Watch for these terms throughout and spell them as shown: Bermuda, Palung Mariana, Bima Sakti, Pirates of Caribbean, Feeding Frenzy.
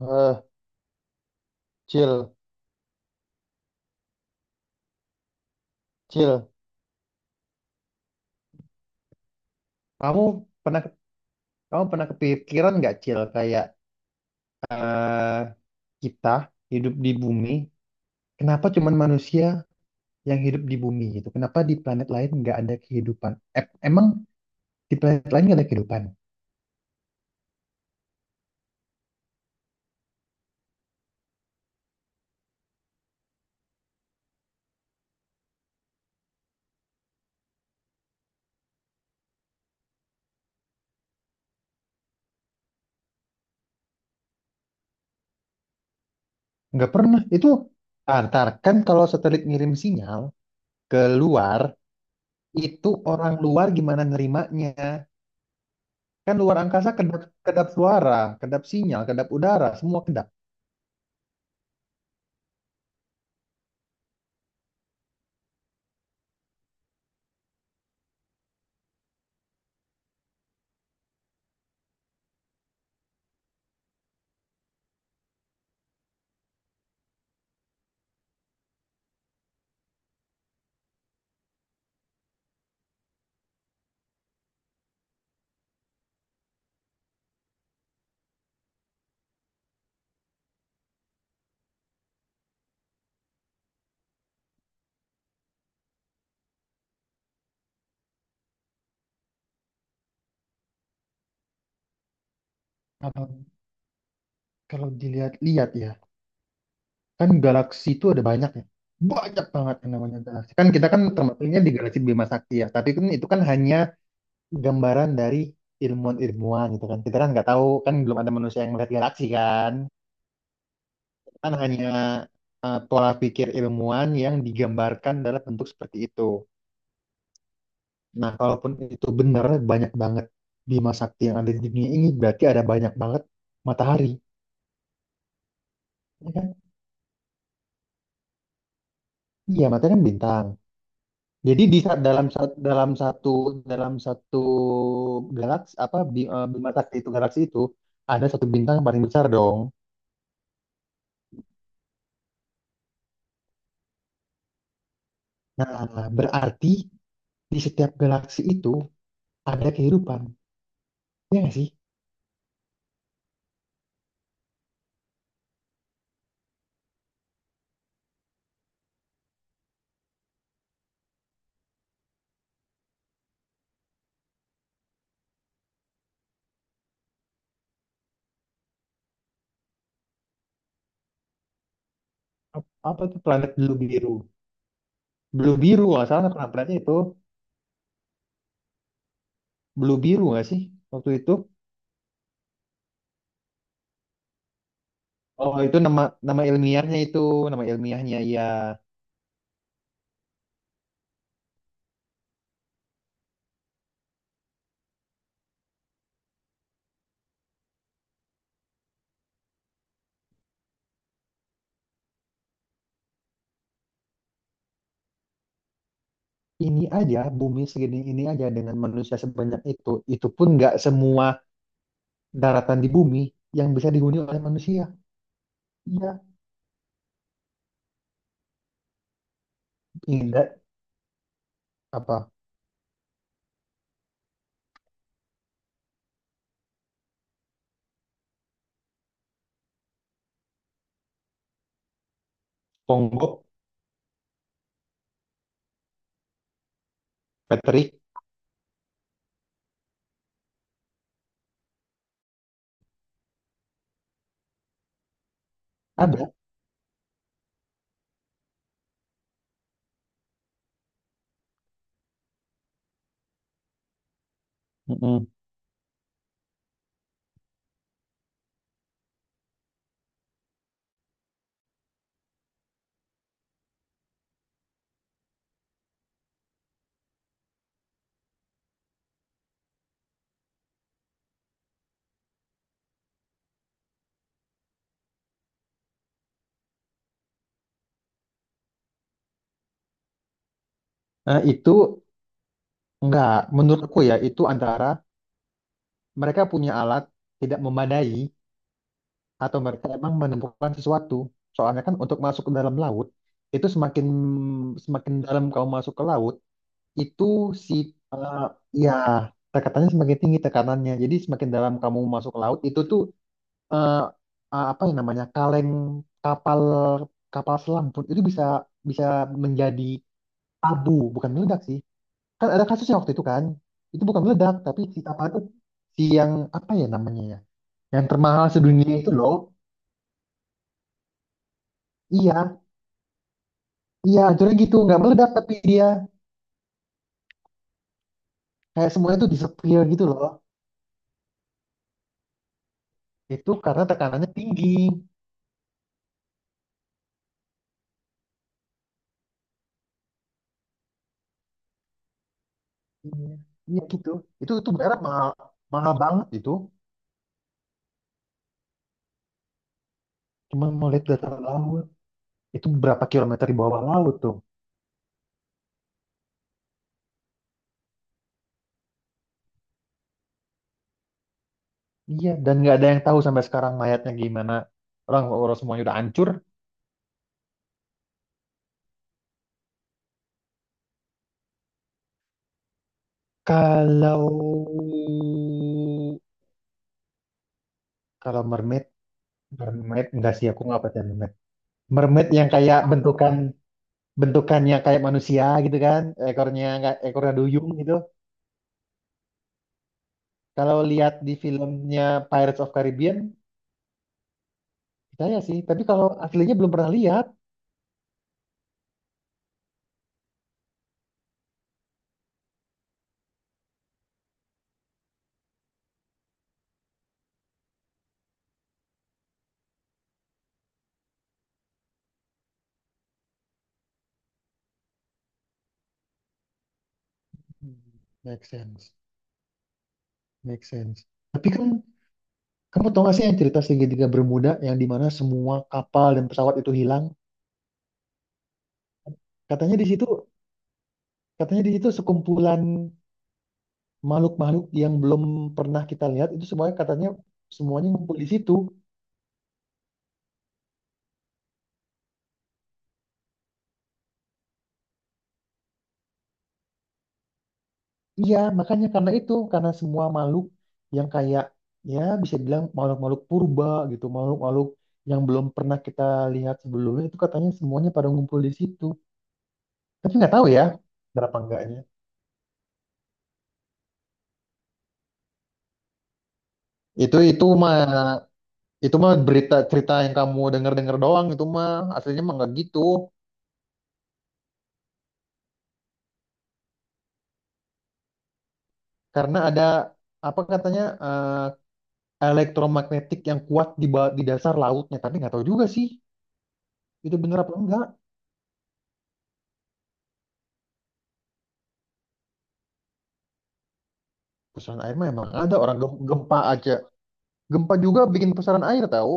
Eh, Cil, Cil, kamu pernah kamu pernah kepikiran nggak Cil kayak eh kita hidup di bumi, kenapa cuman manusia yang hidup di bumi gitu? Kenapa di planet lain nggak ada kehidupan? Emang di planet lain nggak ada kehidupan? Nggak pernah. Itu antar kan kalau satelit ngirim sinyal ke luar, itu orang luar gimana nerimanya? Kan luar angkasa kedap kedap suara, kedap sinyal, kedap udara, semua kedap. Kalau kalau dilihat-lihat ya. Kan galaksi itu ada banyak ya. Banyak banget yang namanya galaksi. Kan kita kan termasuknya di galaksi Bima Sakti ya. Tapi kan itu kan hanya gambaran dari ilmuwan-ilmuwan gitu kan. Kita kan nggak tahu kan belum ada manusia yang melihat galaksi kan. Kan hanya pola pikir ilmuwan yang digambarkan dalam bentuk seperti itu. Nah, kalaupun itu benar banyak banget Bima Sakti yang ada di dunia ini berarti ada banyak banget matahari. Ya kan? Iya, matahari kan bintang. Jadi di sa- dalam satu galaksi apa Bima Sakti itu galaksi itu ada satu bintang yang paling besar dong. Nah, berarti di setiap galaksi itu ada kehidupan. Ya nggak sih? Apa tuh planet blue biru? Blue biru nggak salah nama planetnya itu blue biru nggak sih waktu itu? Oh itu nama nama ilmiahnya itu nama ilmiahnya. Ya. Ini aja bumi segini ini aja dengan manusia sebanyak itu pun nggak semua daratan di bumi yang bisa dihuni oleh manusia. Iya, ingat apa? Pongo, Patrick, ada. Mm-mm. Nah, itu enggak, menurut aku ya, itu antara mereka punya alat tidak memadai atau mereka emang menemukan sesuatu. Soalnya kan untuk masuk ke dalam laut, itu semakin semakin dalam kamu masuk ke laut, itu si eh, ya tekatannya semakin tinggi tekanannya. Jadi semakin dalam kamu masuk ke laut, itu tuh eh, apa yang namanya kaleng kapal kapal selam pun itu bisa bisa menjadi abu bukan meledak sih kan ada kasusnya waktu itu kan itu bukan meledak tapi si kapal itu si yang apa ya namanya ya yang termahal sedunia itu loh iya iya hancurnya gitu nggak meledak tapi dia kayak semuanya tuh disappear gitu loh itu karena tekanannya tinggi iya. Iya gitu itu beneran mahal mahal banget itu cuma mau lihat dasar laut itu berapa kilometer di bawah laut tuh. Iya, dan nggak ada yang tahu sampai sekarang mayatnya gimana. Orang orang semuanya udah hancur. Kalau kalau mermaid, mermaid enggak sih aku nggak percaya mermaid. Mermaid yang kayak bentukannya kayak manusia gitu kan, ekornya nggak ekornya duyung gitu. Kalau lihat di filmnya Pirates of Caribbean, percaya sih. Tapi kalau aslinya belum pernah lihat. Hmm, make sense, make sense. Tapi kan kamu tau gak sih yang cerita segitiga Bermuda yang dimana semua kapal dan pesawat itu hilang? Katanya di situ, katanya di situ sekumpulan makhluk-makhluk yang belum pernah kita lihat itu semuanya katanya semuanya ngumpul di situ. Iya, makanya karena itu, karena semua makhluk yang kayak ya bisa bilang makhluk-makhluk purba gitu, makhluk-makhluk yang belum pernah kita lihat sebelumnya itu katanya semuanya pada ngumpul di situ. Tapi nggak tahu ya, berapa enggaknya. Itu itu mah itu mah berita cerita yang kamu dengar-dengar doang itu mah aslinya mah nggak gitu. Karena ada apa katanya elektromagnetik yang kuat di, di dasar lautnya. Tapi nggak tahu juga sih, itu bener apa enggak. Pusaran air mah emang ada orang gempa aja. Gempa juga bikin pusaran air tahu.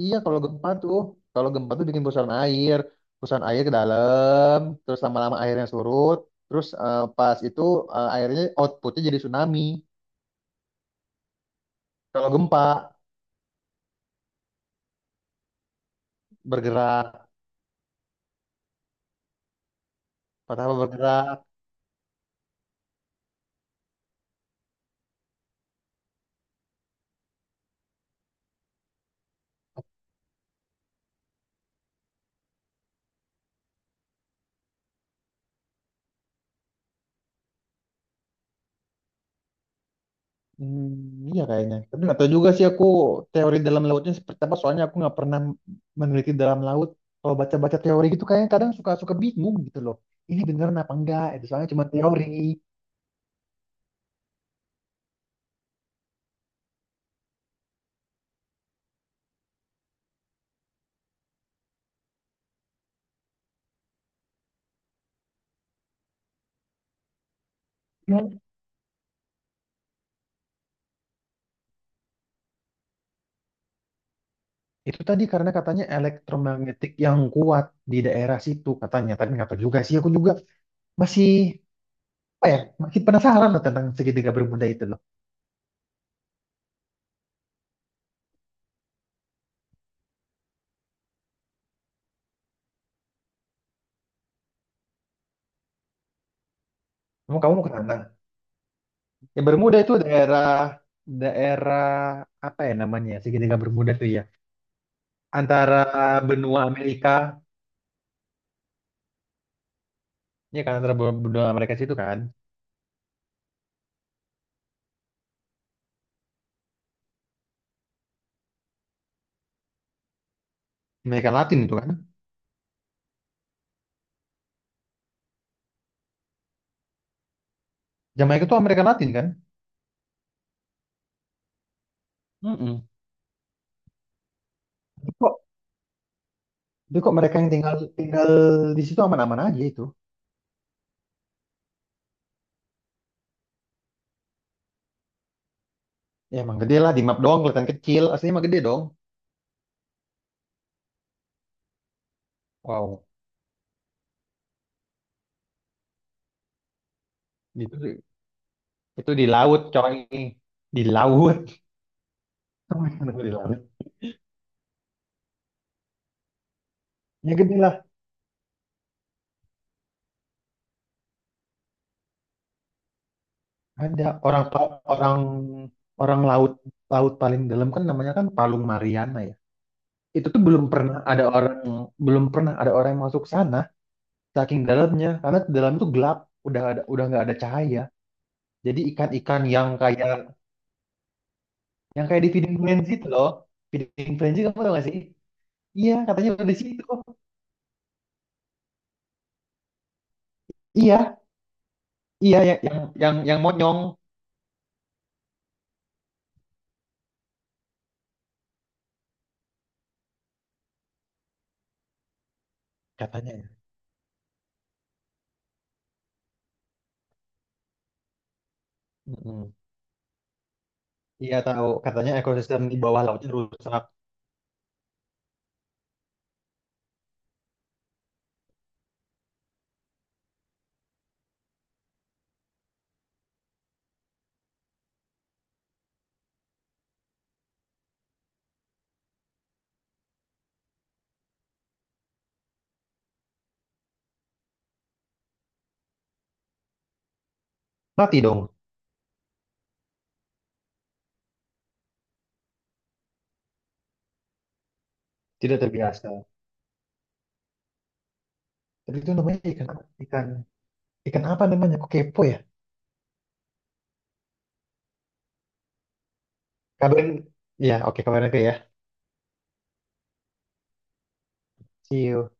Iya kalau gempa tuh bikin pusaran air ke dalam, terus lama-lama airnya surut, terus pas itu airnya outputnya jadi tsunami. Kalau gempa bergerak, patah apa bergerak. Hmm, iya kayaknya. Tapi nggak tahu juga sih aku teori dalam lautnya seperti apa. Soalnya aku nggak pernah meneliti dalam laut. Kalau baca-baca teori gitu kayaknya kadang suka-suka bingung gitu loh. Ini beneran apa enggak? Itu soalnya cuma teori. Ya. Itu tadi karena katanya elektromagnetik yang kuat di daerah situ katanya. Tapi nggak tahu juga sih. Aku juga masih apa ya? Masih penasaran loh tentang segitiga Bermuda itu loh. Kamu kamu mau ke sana? Ya Bermuda itu daerah daerah apa ya namanya segitiga Bermuda tuh ya? Antara benua Amerika, ya kan antara benua benua Amerika situ kan, Amerika Latin itu kan, Jamaika itu Amerika Latin kan. Mm-mm. Tapi kok, tapi kok mereka yang tinggal tinggal di situ aman-aman aja itu, ya emang gede lah di map doang kelihatan kecil, aslinya emang gede dong, wow, itu itu di laut coy, di laut, di laut, ya gede lah, ada orang pa- orang orang laut laut paling dalam kan namanya kan Palung Mariana ya, itu tuh belum pernah ada orang yang masuk sana saking dalamnya karena dalam itu gelap udah nggak ada cahaya jadi ikan-ikan yang kayak di Feeding Frenzy itu loh Feeding Frenzy kamu tau gak sih iya katanya udah di situ iya iya yang monyong katanya. Mm-mm. Iya tahu katanya ekosistem di bawah lautnya rusak mati dong tidak terbiasa tapi itu namanya ikan ikan ikan apa namanya kok kepo ya kabarin ya oke kabarin aja ya see you